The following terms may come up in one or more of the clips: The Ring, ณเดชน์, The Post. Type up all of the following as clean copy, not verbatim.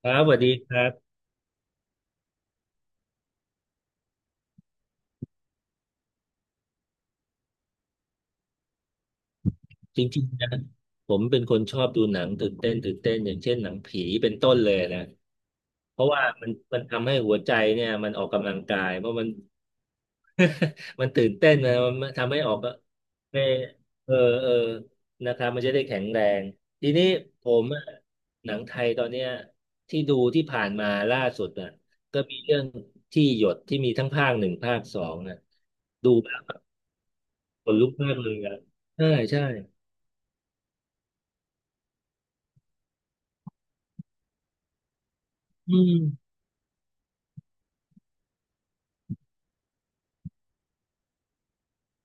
ครับสวัสดีครับจริงๆนะผมเป็นคนชอบดูหนังตื่นเต้นตื่นเต้นอย่างเช่นหนังผีเป็นต้นเลยนะเพราะว่ามันทำให้หัวใจเนี่ยมันออกกำลังกายเพราะมัน มันตื่นเต้นนะมันทำให้ออกก็ไม่เออเออนะครับมันจะได้แข็งแรงทีนี้ผมอะหนังไทยตอนเนี้ยที่ดูที่ผ่านมาล่าสุดอ่ะก็มีเรื่องที่หยดที่มีทั้งภาคหนึ่งภาคสองนะดูแล้วขนลุกมากเลยอ่ะใช่ใช่ อืม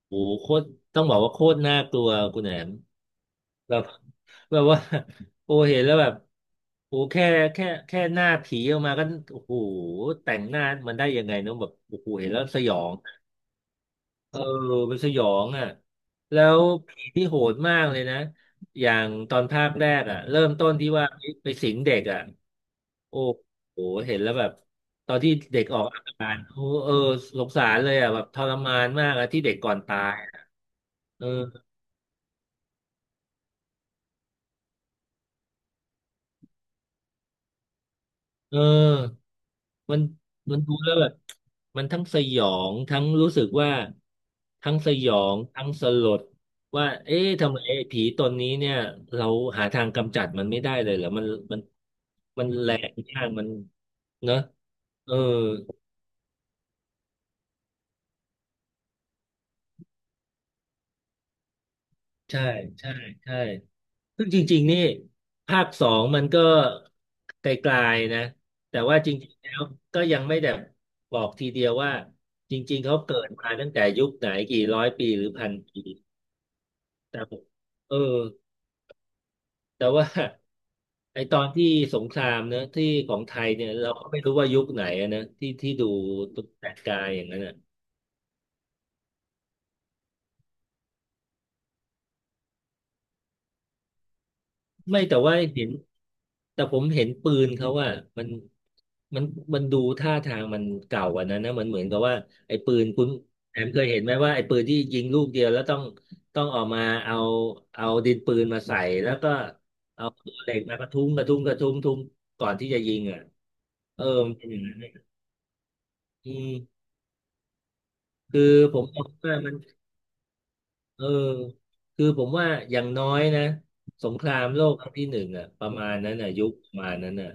โอ้โหโคตรต้องบอกว่าโคตรน่ากลัวคุณแหนมแบบ แบบว่าโอ้เห็นแล้วแบบโอ้แค่หน้าผีออกมาก็โอ้โหแต่งหน้ามันได้ยังไงเนอะแบบโอ้โหเห็นแล้วสยองเออมันสยองอ่ะแล้วผีที่โหดมากเลยนะอย่างตอนภาคแรกอ่ะเริ่มต้นที่ว่าไปสิงเด็กอ่ะโอ้โหเห็นแล้วแบบตอนที่เด็กออกอาการโอ้เออสงสารเลยอ่ะแบบทรมานมากอ่ะที่เด็กก่อนตาย เออเออมันมันดูแล้วแบบมันทั้งสยองทั้งรู้สึกว่าทั้งสยองทั้งสลดว่าเอ๊ะทำไมไอ้ผีตนนี้เนี่ยเราหาทางกำจัดมันไม่ได้เลยเหรอมันมันแรงมากมันเนอะเออใช่ใช่ใช่ ซึ่งจริงๆนี่ภาคสองมันก็ไกลๆนะแต่ว่าจริงๆแล้วก็ยังไม่ได้บอกทีเดียวว่าจริงๆเขาเกิดมาตั้งแต่ยุคไหนกี่ร้อยปีหรือพันปีแต่ผมเออแต่ว่า ไอตอนที่สงครามเนอะที่ของไทยเนี่ยเราก็ไม่รู้ว่ายุคไหนอะนะที่ที่ดูแต่กายอย่างนั้นอะ ไม่แต่ว่าเห็นแต่ผมเห็นปืนเขาว่ามันมันมันดูท่าทางมันเก่ากว่านั้นนะมันเหมือนกับว่าไอ้ปืนคุณแอมเคยเห็นไหมว่าไอ้ปืนที่ยิงลูกเดียวแล้วต้องออกมาเอาเอาดินปืนมาใส่แล้วก็เอาตัวเหล็กมากระทุ้งกระทุ้งกระทุ้งทุ้งก่อนที่จะยิงอ่ะเออมันเป็นอย่างนั้นไหมอืมคือผมมองว่ามันเออคือผมว่าอย่างน้อยนะสงครามโลกครั้งที่หนึ่งอ่ะประมาณนั้นอ่ะยุคประมาณนั้นอ่ะ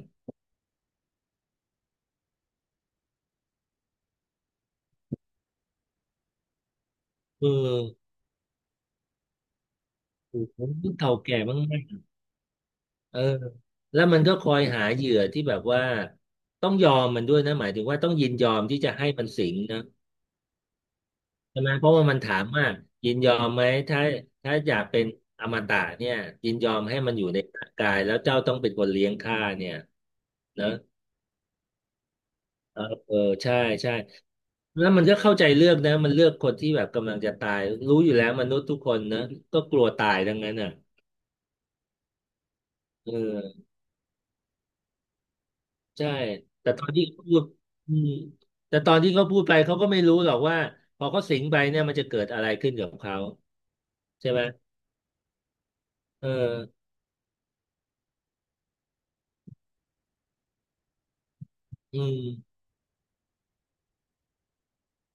เออ โอ้โหเก่าแก่มากๆเออแล้วมันก็คอยหาเหยื่อที่แบบว่าต้องยอมมันด้วยนะหมายถึงว่าต้องยินยอมที่จะให้มันสิงนะใช่ไหมเพราะว่ามันถามว่ายินยอมไหมถ้าถ้าอยากเป็นอมตะเนี่ยยินยอมให้มันอยู่ในร่างกายแล้วเจ้าต้องเป็นคนเลี้ยงข้าเนี่ยนะเออเออใช่ใช่แล้วมันก็เข้าใจเลือกนะมันเลือกคนที่แบบกำลังจะตายรู้อยู่แล้วมนุษย์ทุกคนนะก็กลัวตายทั้งนั้นอ่ะเออ ใช่แต่ตอนที่เขาพูดอืมแต่ตอนที่เขาพูดไปเขาก็ไม่รู้หรอกว่าพอเขาสิงไปเนี่ยมันจะเกิดอะไรขึ้นกับเขาใช่ไหมเอออืม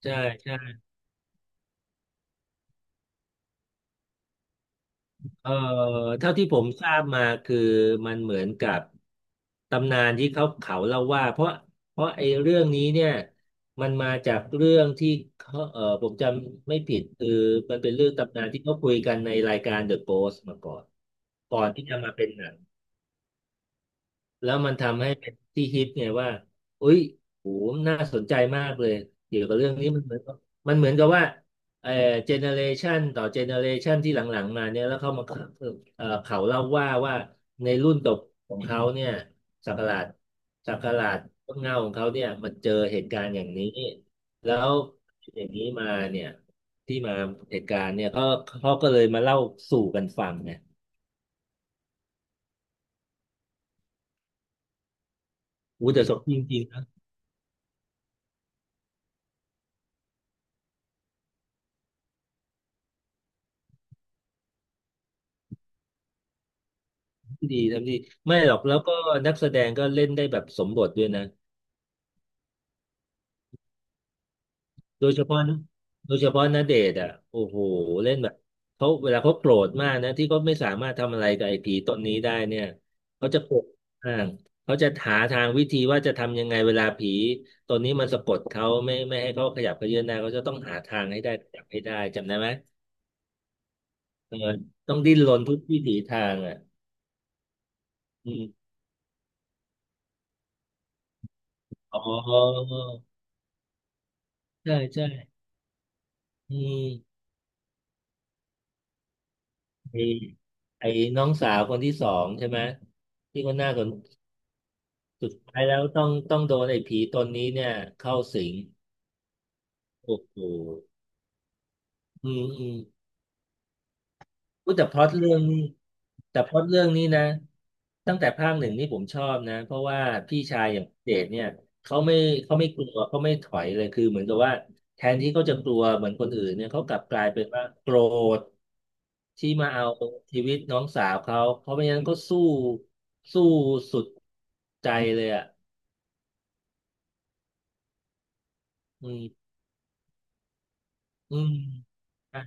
ใช่ใช่เออเท่าที่ผมทราบมาคือมันเหมือนกับตำนานที่เขาเล่าว่าเพราะไอ้เรื่องนี้เนี่ยมันมาจากเรื่องที่เขาเออผมจำไม่ผิดคือมันเป็นเรื่องตำนานที่เขาคุยกันในรายการ The Post มาก่อนก่อนที่จะมาเป็นหนัง แล้วมันทำให้เป็นที่ฮิตไงว่าอุ๊ยโหน่าสนใจมากเลย เกี่ยวกับเรื่องนี้มันเหมือนกับมันเหมือนกับว่าเอ่อเจเนเรชันต่อเจเนเรชันที่หลังๆมาเนี่ยแล้วเขามาเขาเล่าว่าในรุ่นตบของเขาเนี่ยศักราชศักราชต้นเงาของเขาเนี่ยมันเจอเหตุการณ์อย่างนี้แล้วอย่างนี้มาเนี่ยที่มาเหตุการณ์เนี่ยเขาก็เลยมาเล่าสู่กันฟังไงอู้แต่สดจริงๆ ทำดีไม่หรอกแล้วก็นักแสดงก็เล่นได้แบบสมบทด้วยนะโดยเฉพาะนะโดยเฉพาะณเดชน์อ่ะโอ้โหเล่นแบบเขาเวลาเขาโกรธมากนะที่เขาไม่สามารถทำอะไรกับไอ้ผีตนนี้ได้เนี่ยเขาจะโกรธมากเขาจะหาทางวิธีว่าจะทำยังไงเวลาผีตนนี้มันสะกดเขาไม่ให้เขาขยับเขยื้อนหน้าเขาจะต้องหาทางให้ได้ขยับให้ได้จำได้ไหมเออต้องดิ้นรนทุกวิถีทางอ่ะอืมอ๋อใช่ใช่อืม มีไอ้น้องสาวคนที่สองใช่ไหมที่คนหน้าสนสุดท้ายแล้วต้องโดนไอ้ผีตนนี้เนี่ยเข้าสิงโอ้โหอืมอืม พูดแต่พล็อตเรื่องนี้แต่พล็อตเรื่องนี้นะตั้งแต่ภาคหนึ่งนี่ผมชอบนะเพราะว่าพี่ชายอย่างเดชเนี่ยเขาไม่เขาไม่กลัวเขาไม่ถอยเลยคือเหมือนกับว่าแทนที่เขาจะกลัวเหมือนคนอื่นเนี่ยเขากลับกลายเป็นว่าโกรธที่มาเอาชีวิตน้องสาวเขาเพราะไม่งั้นก็สู้สุดใจเลยอ่ะอืมอืมใช่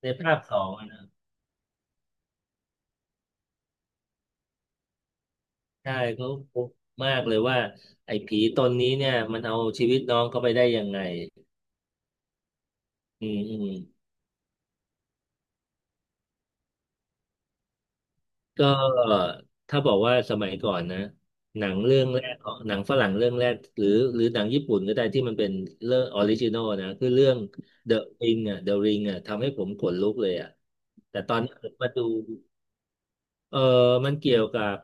ในภาคสองอะนะใช่เขาพบมากเลยว่าไอ้ผีตนนี้เนี่ยมันเอาชีวิตน้องเขาไปได้ยังไง อืมอืมก็ถ้าบอกว่าสมัยก่อนนะหนังเรื่องแรกหนังฝรั่งเรื่องแรกหรือหรือหนังญี่ปุ่นก็ได้ที่มันเป็นเรื่องออริจินอลนะคือเรื่อง The Ring อ่ะ The Ring อ่ะทำให้ผมขนลุกเลยอ่ะแต่ตอนนี้ผมมาดูเออมันเกี่ยวกับ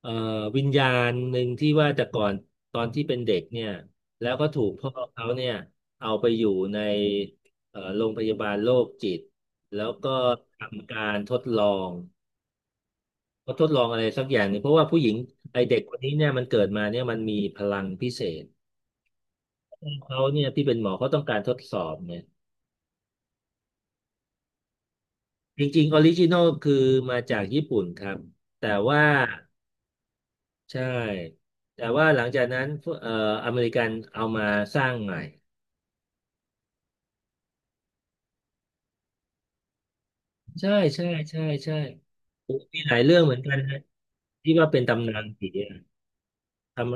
เอ่อวิญญาณหนึ่งที่ว่าแต่ก่อนตอนที่เป็นเด็กเนี่ยแล้วก็ถูกพ่อเขาเนี่ยเอาไปอยู่ในโรงพยาบาลโรคจิตแล้วก็ทำการทดลอง เขาทดลองอะไรสักอย่างหนึงเพราะว่าผู้หญิงไอเด็กคนนี้เนี่ยมันเกิดมาเนี่ยมันมีพลังพิเศษเขาเนี่ยที่เป็นหมอเขาต้องการทดสอบเนี่ยจริงๆออริจินอลคือมาจากญี่ปุ่นครับแต่ว่าใช่แต่ว่าหลังจากนั้นเอ่ออเมริกันเอามาสร้างใหม่ใช่ใช่ใช่ใช่มีหลายเรื่องเหมือนกันนะที่ว่าเป็นตำนานผีอะทำ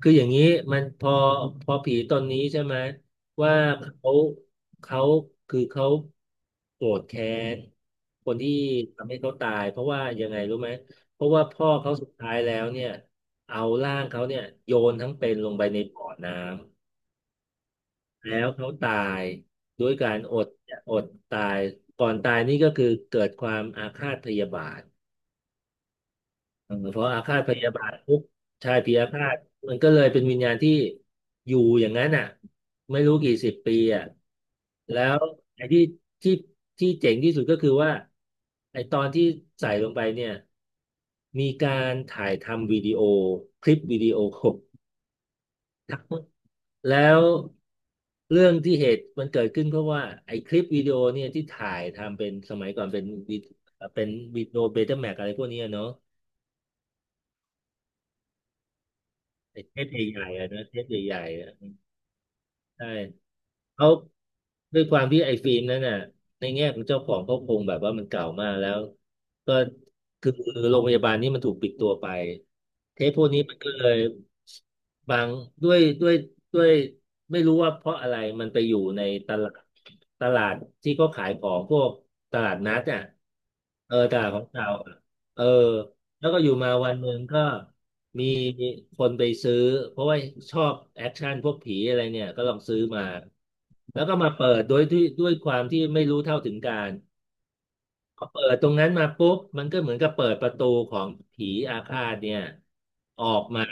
คืออย่างนี้มันพอผีตนนี้ใช่ไหมว่าเขาเขาเขาโกรธแค้นคนที่ทำให้เขาตายเพราะว่ายังไงรู้ไหมเพราะว่าพ่อเขาสุดท้ายแล้วเนี่ยเอาร่างเขาเนี่ยโยนทั้งเป็นลงไปในบ่อน้ำแล้วเขาตายด้วยการอดตายก่อนตายนี่ก็คือเกิดความอาฆาตพยาบาท เออเพราะอาฆาตพยาบาทปุ๊บใช่พยาฆาตมันก็เลยเป็นวิญญาณที่อยู่อย่างนั้นอ่ะไม่รู้กี่สิบปีอ่ะแล้วไอ้ที่ที่ที่เจ๋งที่สุดก็คือว่าไอ้ตอนที่ใส่ลงไปเนี่ยมีการถ่ายทำวิดีโอคลิปวิดีโอทั้งแล้วเรื่องที่เหตุมันเกิดขึ้นเพราะว่าไอ้คลิปวิดีโอเนี่ยที่ถ่ายทำเป็นสมัยก่อนเป็นวิเป็นวิดีโอเบต้าแม็กอะไรพวกเนี้ยเนาะ ไอ้เทปใหญ่ๆอะนะเทปใหญ่ๆอะใช่เขาด้วยความที่ไอ้ฟิล์มนั้นน่ะในแง่ของเจ้าของเขาคงแบบว่ามันเก่ามากแล้วก็คือโรงพยาบาลนี้มันถูกปิดตัวไปเทปพวกนี้มันก็เลยบางด้วยด้วยด้วยไม่รู้ว่าเพราะอะไรมันไปอยู่ในตลาดตลาดที่เขาขายของพวกตลาดนัดอ่ะเออตลาดของเก่าอะเออแล้วก็อยู่มาวันหนึ่งก็ มีคนไปซื้อเพราะว่าชอบแอคชั่นพวกผีอะไรเนี่ยก็ลองซื้อมาแล้วก็มาเปิดโดยที่ด้วยความที่ไม่รู้เท่าถึงการพอเปิดตรงนั้นมาปุ๊บมันก็เหมือนกับเปิดประตูของผีอาฆาตเนี่ยออกมา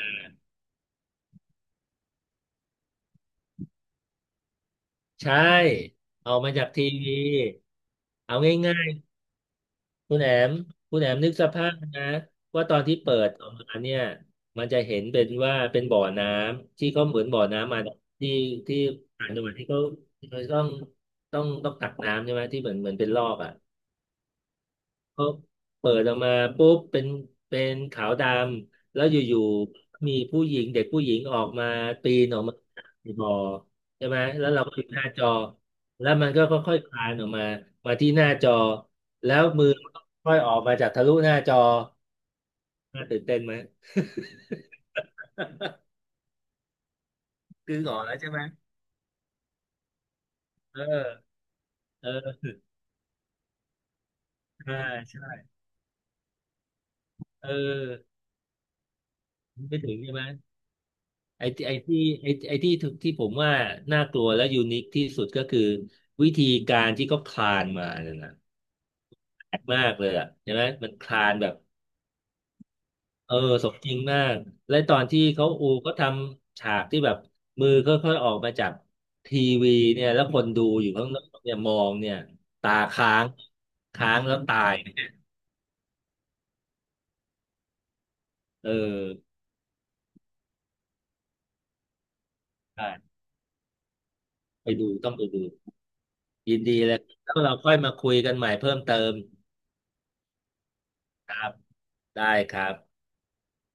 ใช่เอามาจากทีวีเอา คุณแอมคุณแอมนึกสภาพนะว่าตอนที่เปิดออกมาเนี่ยมันจะเห็นเป็นว่าเป็นบ่อน้ำที่เขาเหมือนบ่อน้ำมาที่ที่ต่างจังหวัดที่เขาที่เขาต้องตักน้ำใช่ไหมที่เหมือนเป็นลอกอ่ะ เขาเปิดออกมาปุ๊บเป็นขาวดำแล้วอยู่ๆมีผู้หญิงเด็กผู้หญิงออกมาปีนออกมาในบ่อใช่ไหมแล้วเราก็ดูหน้าจอแล้วมันก็ค่อยๆคลานออกมามาที่หน้าจอแล้วมือมันก็ค่อยออกมาจากทะลุหน้าจอน่าตื่นเต้นไหมคือออกแล้วใช่ไหมเออเออใช่ใช่เออไม่ถึงใช่ไหม ไอ้ที่ผมว่าน่ากลัวและยูนิคที่สุดก็คือวิธีการที่เขาคลานมาเนี่ยนะแปลกมากเลยอ่ะใช่ไหมมันคลานแบบเออสมจริงมากและตอนที่เขาอูก็ทำฉากที่แบบมือค่อยๆออกมาจากทีวีเนี่ยแล้วคนดูอยู่ข้างนอกเนี่ยมองเนี่ยตาค้างค้างแล้วตายเออใช่ไปดูต้องไปดูยินดีเลยแล้วเราค่อยมาคุยกันใหม่เพิ่มเติมครับได้ครับ